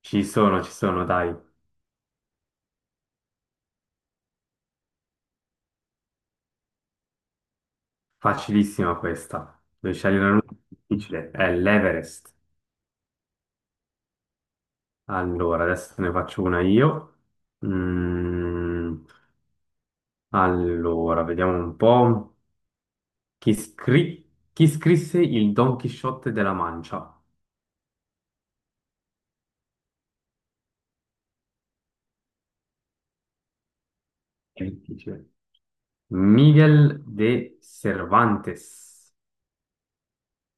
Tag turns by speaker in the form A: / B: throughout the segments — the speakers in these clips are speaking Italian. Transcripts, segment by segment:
A: Ci sono, dai. Facilissima questa. Devi scegliere una difficile. È l'Everest. Allora, adesso te ne faccio una io. Mm, allora, vediamo un po'. Chi, scri- chi scrisse il Don Chisciotte della Mancia? È difficile. Miguel de Cervantes.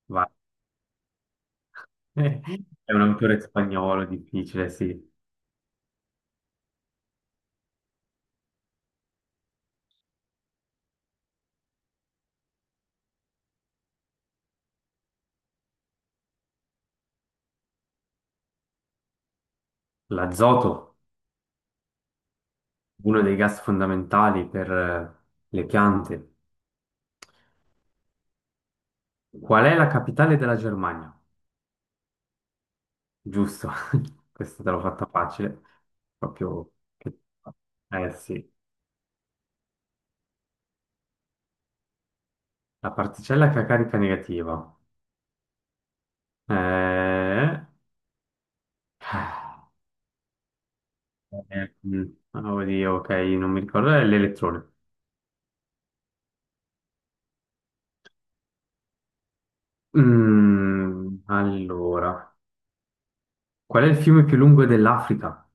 A: Vai. È un autore spagnolo, difficile, sì. L'azoto, uno dei gas fondamentali per le piante. Qual è la capitale della Germania? Giusto, questa te l'ho fatta facile, proprio... che- Eh sì, la particella che ha carica negativa. Eh... eh, mm, oddio, ok, non mi ricordo, è l'elettrone. Allora, qual è il fiume più lungo dell'Africa?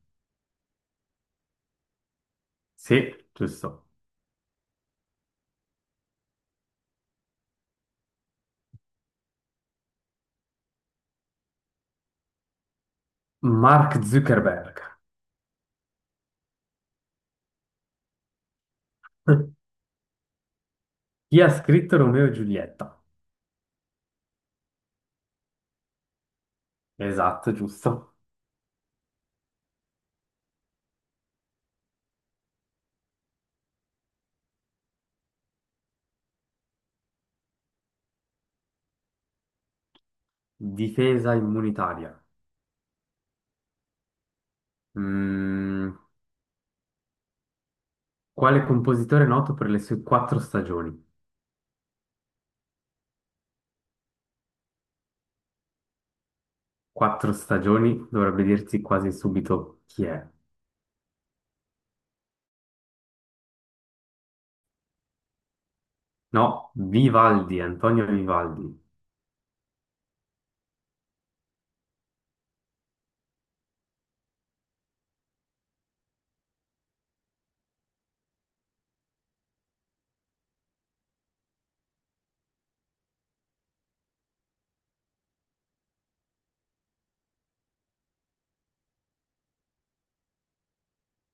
A: Sì, giusto. Mark Zuckerberg. Chi ha scritto Romeo e Giulietta? Esatto, giusto. Difesa immunitaria. Mm, quale compositore è noto per le sue quattro stagioni? Quattro stagioni dovrebbe dirti quasi subito chi è. No, Vivaldi, Antonio Vivaldi.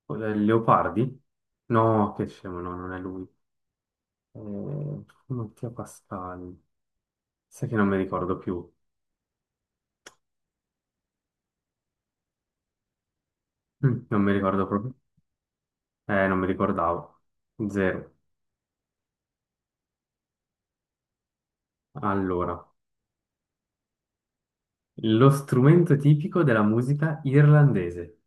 A: Leopardi? No, che scemo, no, non è lui. Eh, Mattia Pascal. Sai che non mi ricordo più. Non mi ricordo proprio. Non mi ricordavo. Zero. Allora, lo strumento tipico della musica irlandese,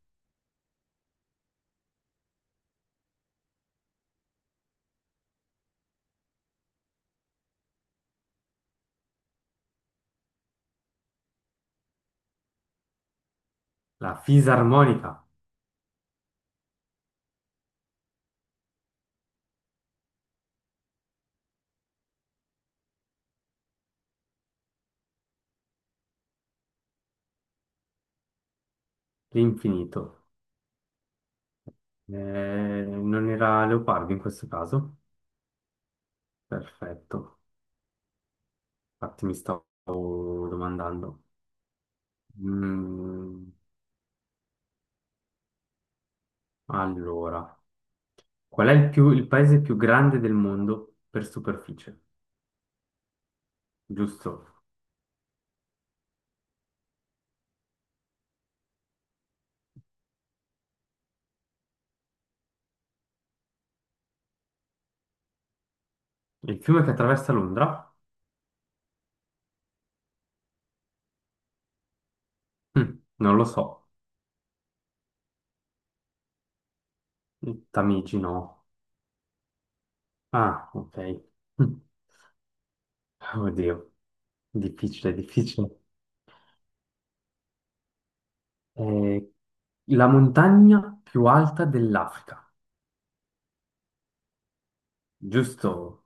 A: la fisarmonica, l'infinito. Non era leopardo in questo caso? Perfetto, infatti mi stavo domandando. Mm, allora, qual è il, il paese più grande del mondo per superficie? Giusto. Il fiume che attraversa Londra? Non lo so. Il Tamigi no. Ah, ok. Mm, Oddio, difficile, difficile. Eh, la montagna più alta dell'Africa, giusto?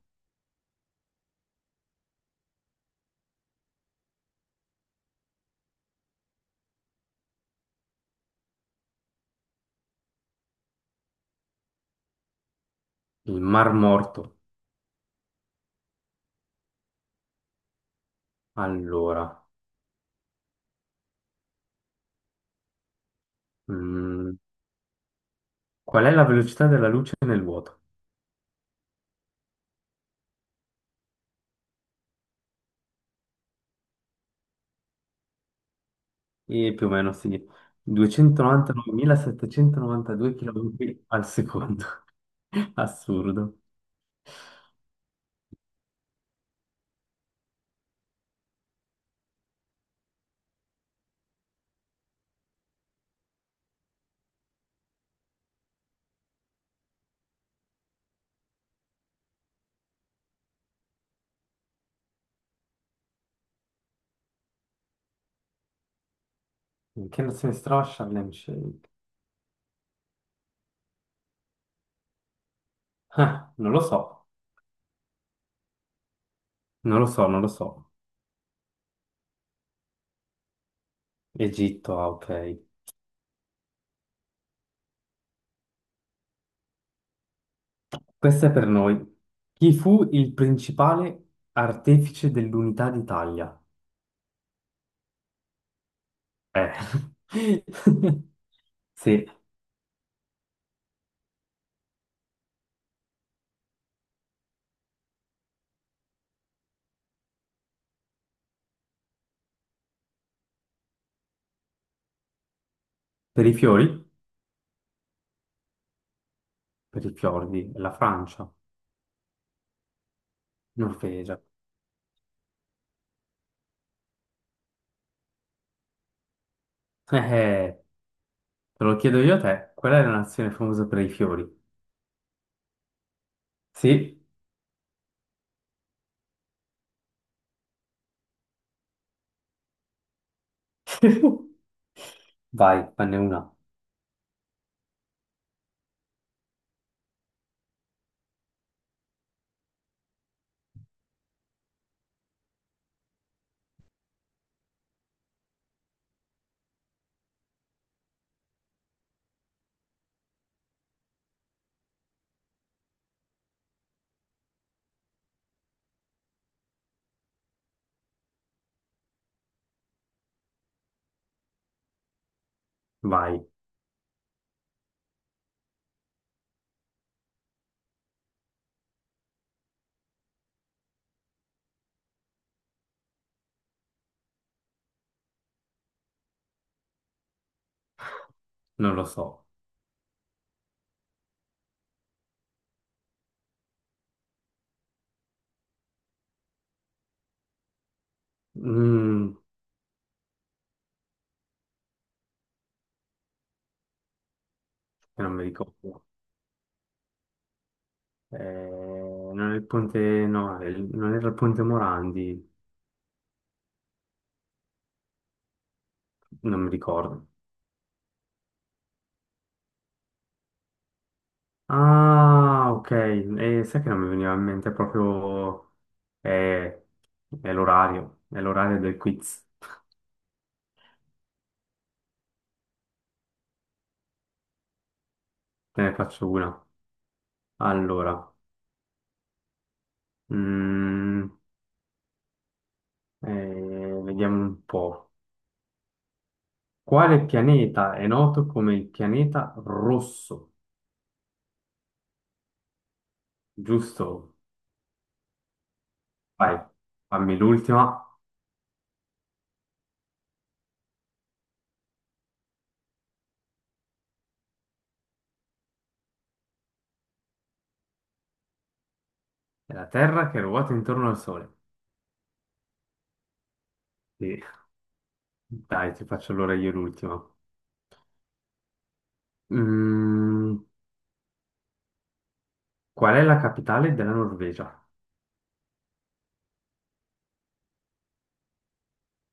A: Il Mar Morto. Allora, mm, qual è la velocità della luce nel vuoto? E più o meno sì, 299.792 km al secondo. Assurdo. In che nazione si trova Sharm el Sheikh? Ah, non lo so, non lo so, non lo so. Egitto, ah, ok. Questa è per noi. Chi fu il principale artefice dell'unità d'Italia? Eh. Sì, per i fiori, per i fiordi, la Francia. Norvegia. Eh, te lo chiedo io a te, qual è la nazione famosa per i fiori? Sì? Vai, fanne una. Vai, non lo so. Mm, non mi ricordo. Non è il ponte, no, è non era il ponte Morandi, non mi ricordo. Ah, ok, e sai che non mi veniva in mente proprio... eh, è l'orario del quiz. Te ne faccio una. Allora, mm, vediamo un po'. Quale pianeta è noto come il pianeta rosso? Giusto? Vai, fammi l'ultima. È la Terra che ruota intorno al Sole. Sì. Dai, ti faccio allora io l'ultima. Mm, qual è la capitale della Norvegia?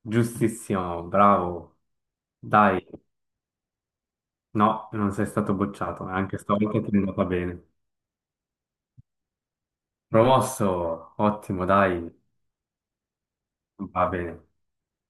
A: Giustissimo, bravo. Dai, no, non sei stato bocciato, anche stavolta ti è andata bene. Promosso, ottimo, dai, va bene.